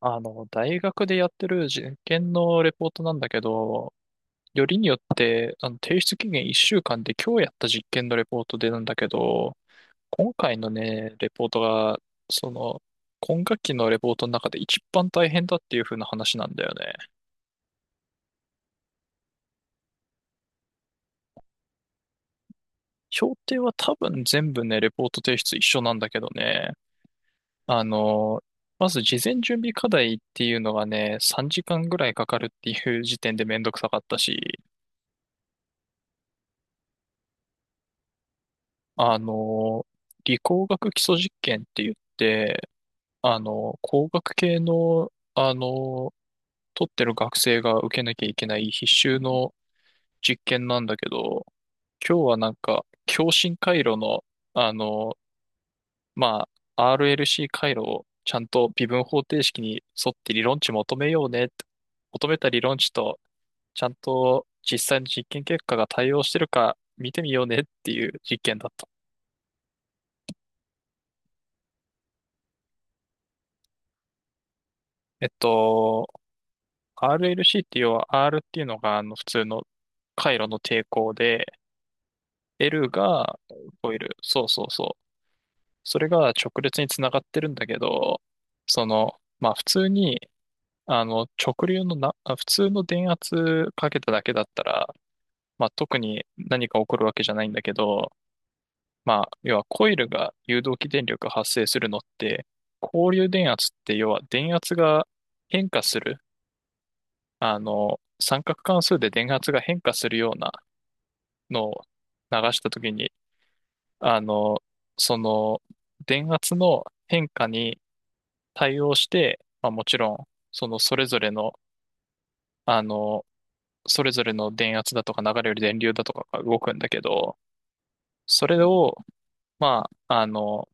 大学でやってる実験のレポートなんだけど、よりによって、提出期限1週間で今日やった実験のレポートでなんだけど、今回のね、レポートが、その、今学期のレポートの中で一番大変だっていう風な話なんだよね。評定は多分全部ね、レポート提出一緒なんだけどね、あの、まず事前準備課題っていうのがね、3時間ぐらいかかるっていう時点でめんどくさかったし、あの、理工学基礎実験って言って、工学系の、取ってる学生が受けなきゃいけない必修の実験なんだけど、今日はなんか、共振回路の、あの、まあ、RLC 回路をちゃんと微分方程式に沿って理論値求めようねって、求めた理論値と、ちゃんと実際の実験結果が対応してるか見てみようねっていう実験だった。えっと、RLC って要は R っていうのがあの普通の回路の抵抗で、L がコイル。そうそうそう。それが直列につながってるんだけど、その、まあ普通に、あの直流のな、あ普通の電圧かけただけだったら、まあ特に何か起こるわけじゃないんだけど、まあ要はコイルが誘導起電力発生するのって、交流電圧って要は電圧が変化する、あの三角関数で電圧が変化するようなのを流したときに、あの、その電圧の変化に対応して、まあ、もちろん、そのそれぞれの、あの、それぞれの電圧だとか流れる電流だとかが動くんだけど、それを、まあ、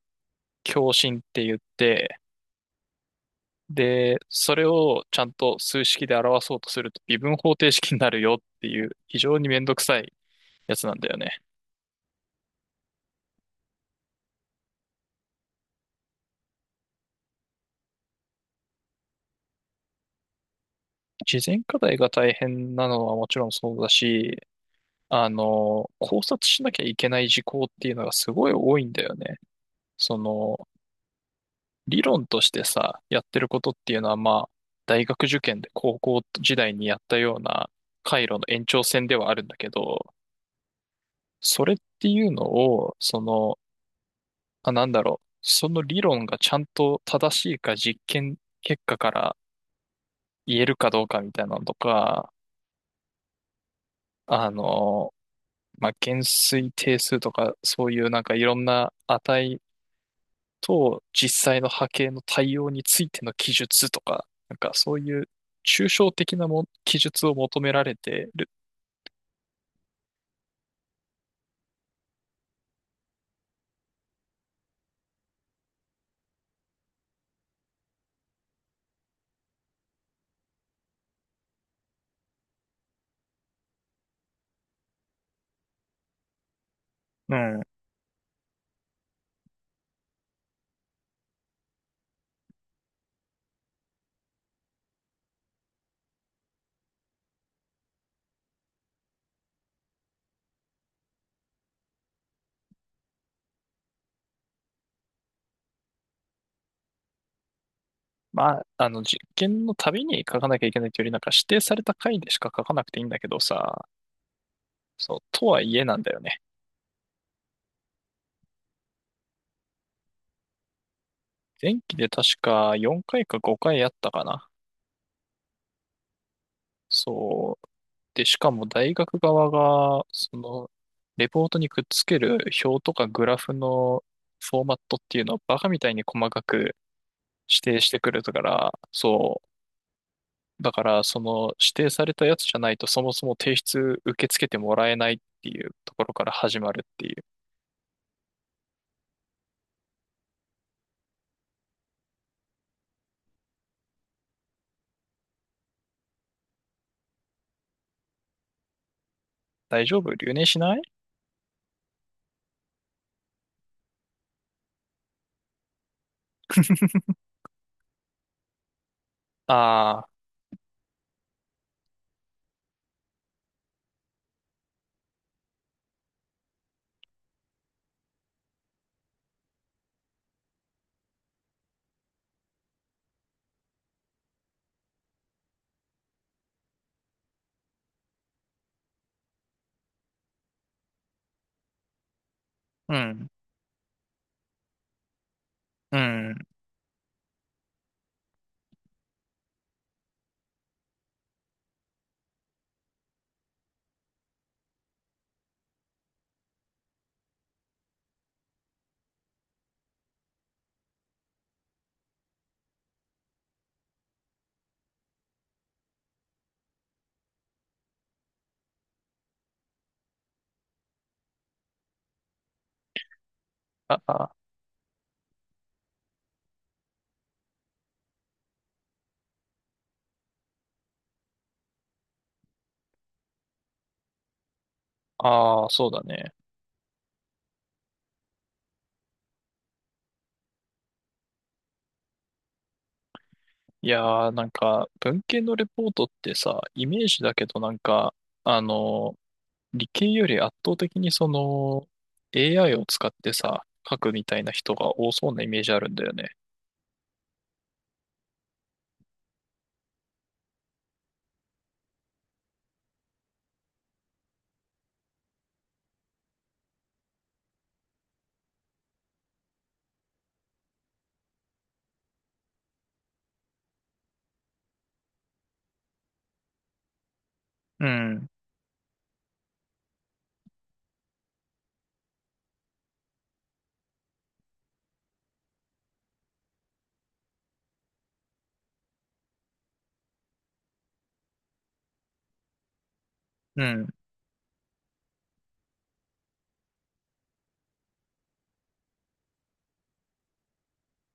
共振って言って、で、それをちゃんと数式で表そうとすると微分方程式になるよっていう非常にめんどくさいやつなんだよね。事前課題が大変なのはもちろんそうだし、考察しなきゃいけない事項っていうのがすごい多いんだよね。その、理論としてさ、やってることっていうのは、まあ、大学受験で高校時代にやったような回路の延長線ではあるんだけど、それっていうのを、なんだろう、その理論がちゃんと正しいか実験結果から言えるかどうかみたいなのとか、あの、まあ、減衰定数とか、そういうなんかいろんな値と実際の波形の対応についての記述とか、なんかそういう抽象的なも記述を求められてる。うん。まあ、あの実験のたびに書かなきゃいけないというより、なんか指定された回でしか書かなくていいんだけどさ、そう、とはいえなんだよね。前期で確か4回か5回やったかな。そう。で、しかも大学側が、その、レポートにくっつける表とかグラフのフォーマットっていうのをバカみたいに細かく指定してくるから、そう。だから、その指定されたやつじゃないとそもそも提出受け付けてもらえないっていうところから始まるっていう。大丈夫、留年しない？ああー、うん、うん。ああ、ああ、そうだね。いやー、なんか、文系のレポートってさ、イメージだけどなんか、あの、理系より圧倒的にその AI を使ってさ、書くみたいな人が多そうなイメージあるんだよね。うん、うん、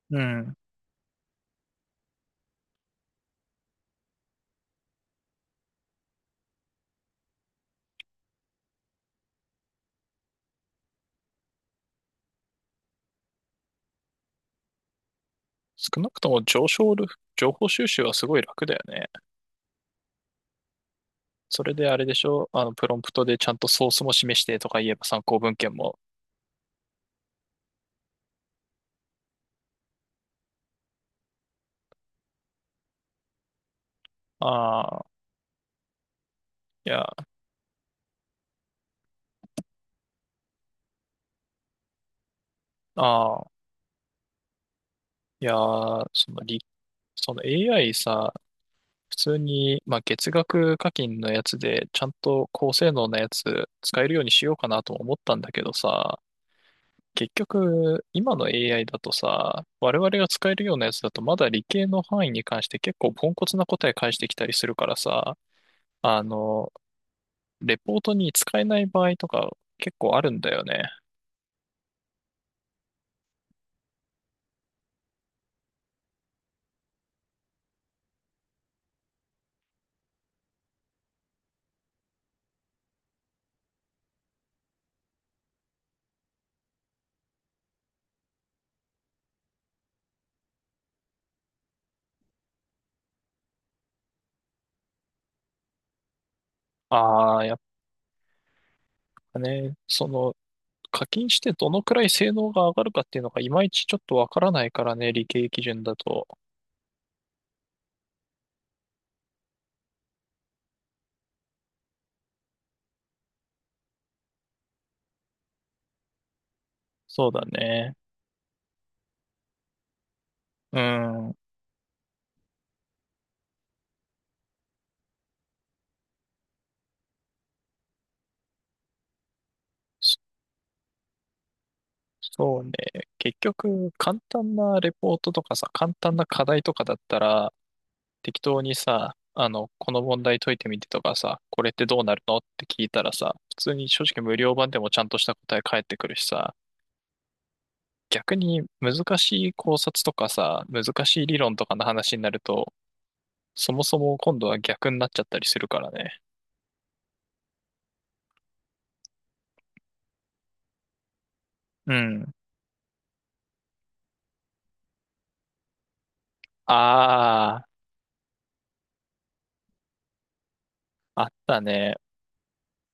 うん。少なくとも上昇る、情報収集はすごい楽だよね。それであれでしょ、あの、プロンプトでちゃんとソースも示してとか言えば参考文献も。ああ、いや、ああ、いやー、その理、その AI さ、普通に、まあ、月額課金のやつで、ちゃんと高性能なやつ使えるようにしようかなとも思ったんだけどさ、結局、今の AI だとさ、我々が使えるようなやつだと、まだ理系の範囲に関して結構ポンコツな答え返してきたりするからさ、あの、レポートに使えない場合とか結構あるんだよね。ああ、やっぱね、その、課金してどのくらい性能が上がるかっていうのがいまいちちょっとわからないからね、理系基準だと。そうだね。うん。そそうね。結局、簡単なレポートとかさ、簡単な課題とかだったら、適当にさ、あの、この問題解いてみてとかさ、これってどうなるのって聞いたらさ、普通に正直無料版でもちゃんとした答え返ってくるしさ、逆に難しい考察とかさ、難しい理論とかの話になると、そもそも今度は逆になっちゃったりするからね。うん。ああ、あったね。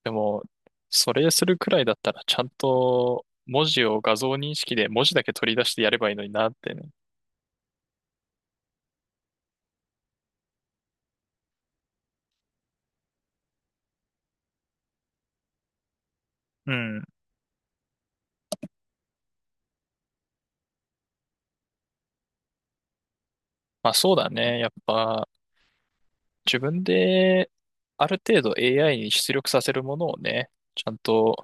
でも、それするくらいだったら、ちゃんと文字を画像認識で文字だけ取り出してやればいいのになってね。うん。まあそうだね。やっぱ、自分である程度 AI に出力させるものをね、ちゃんと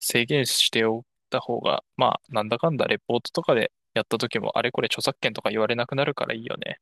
制限しておった方が、まあなんだかんだレポートとかでやった時もあれこれ著作権とか言われなくなるからいいよね。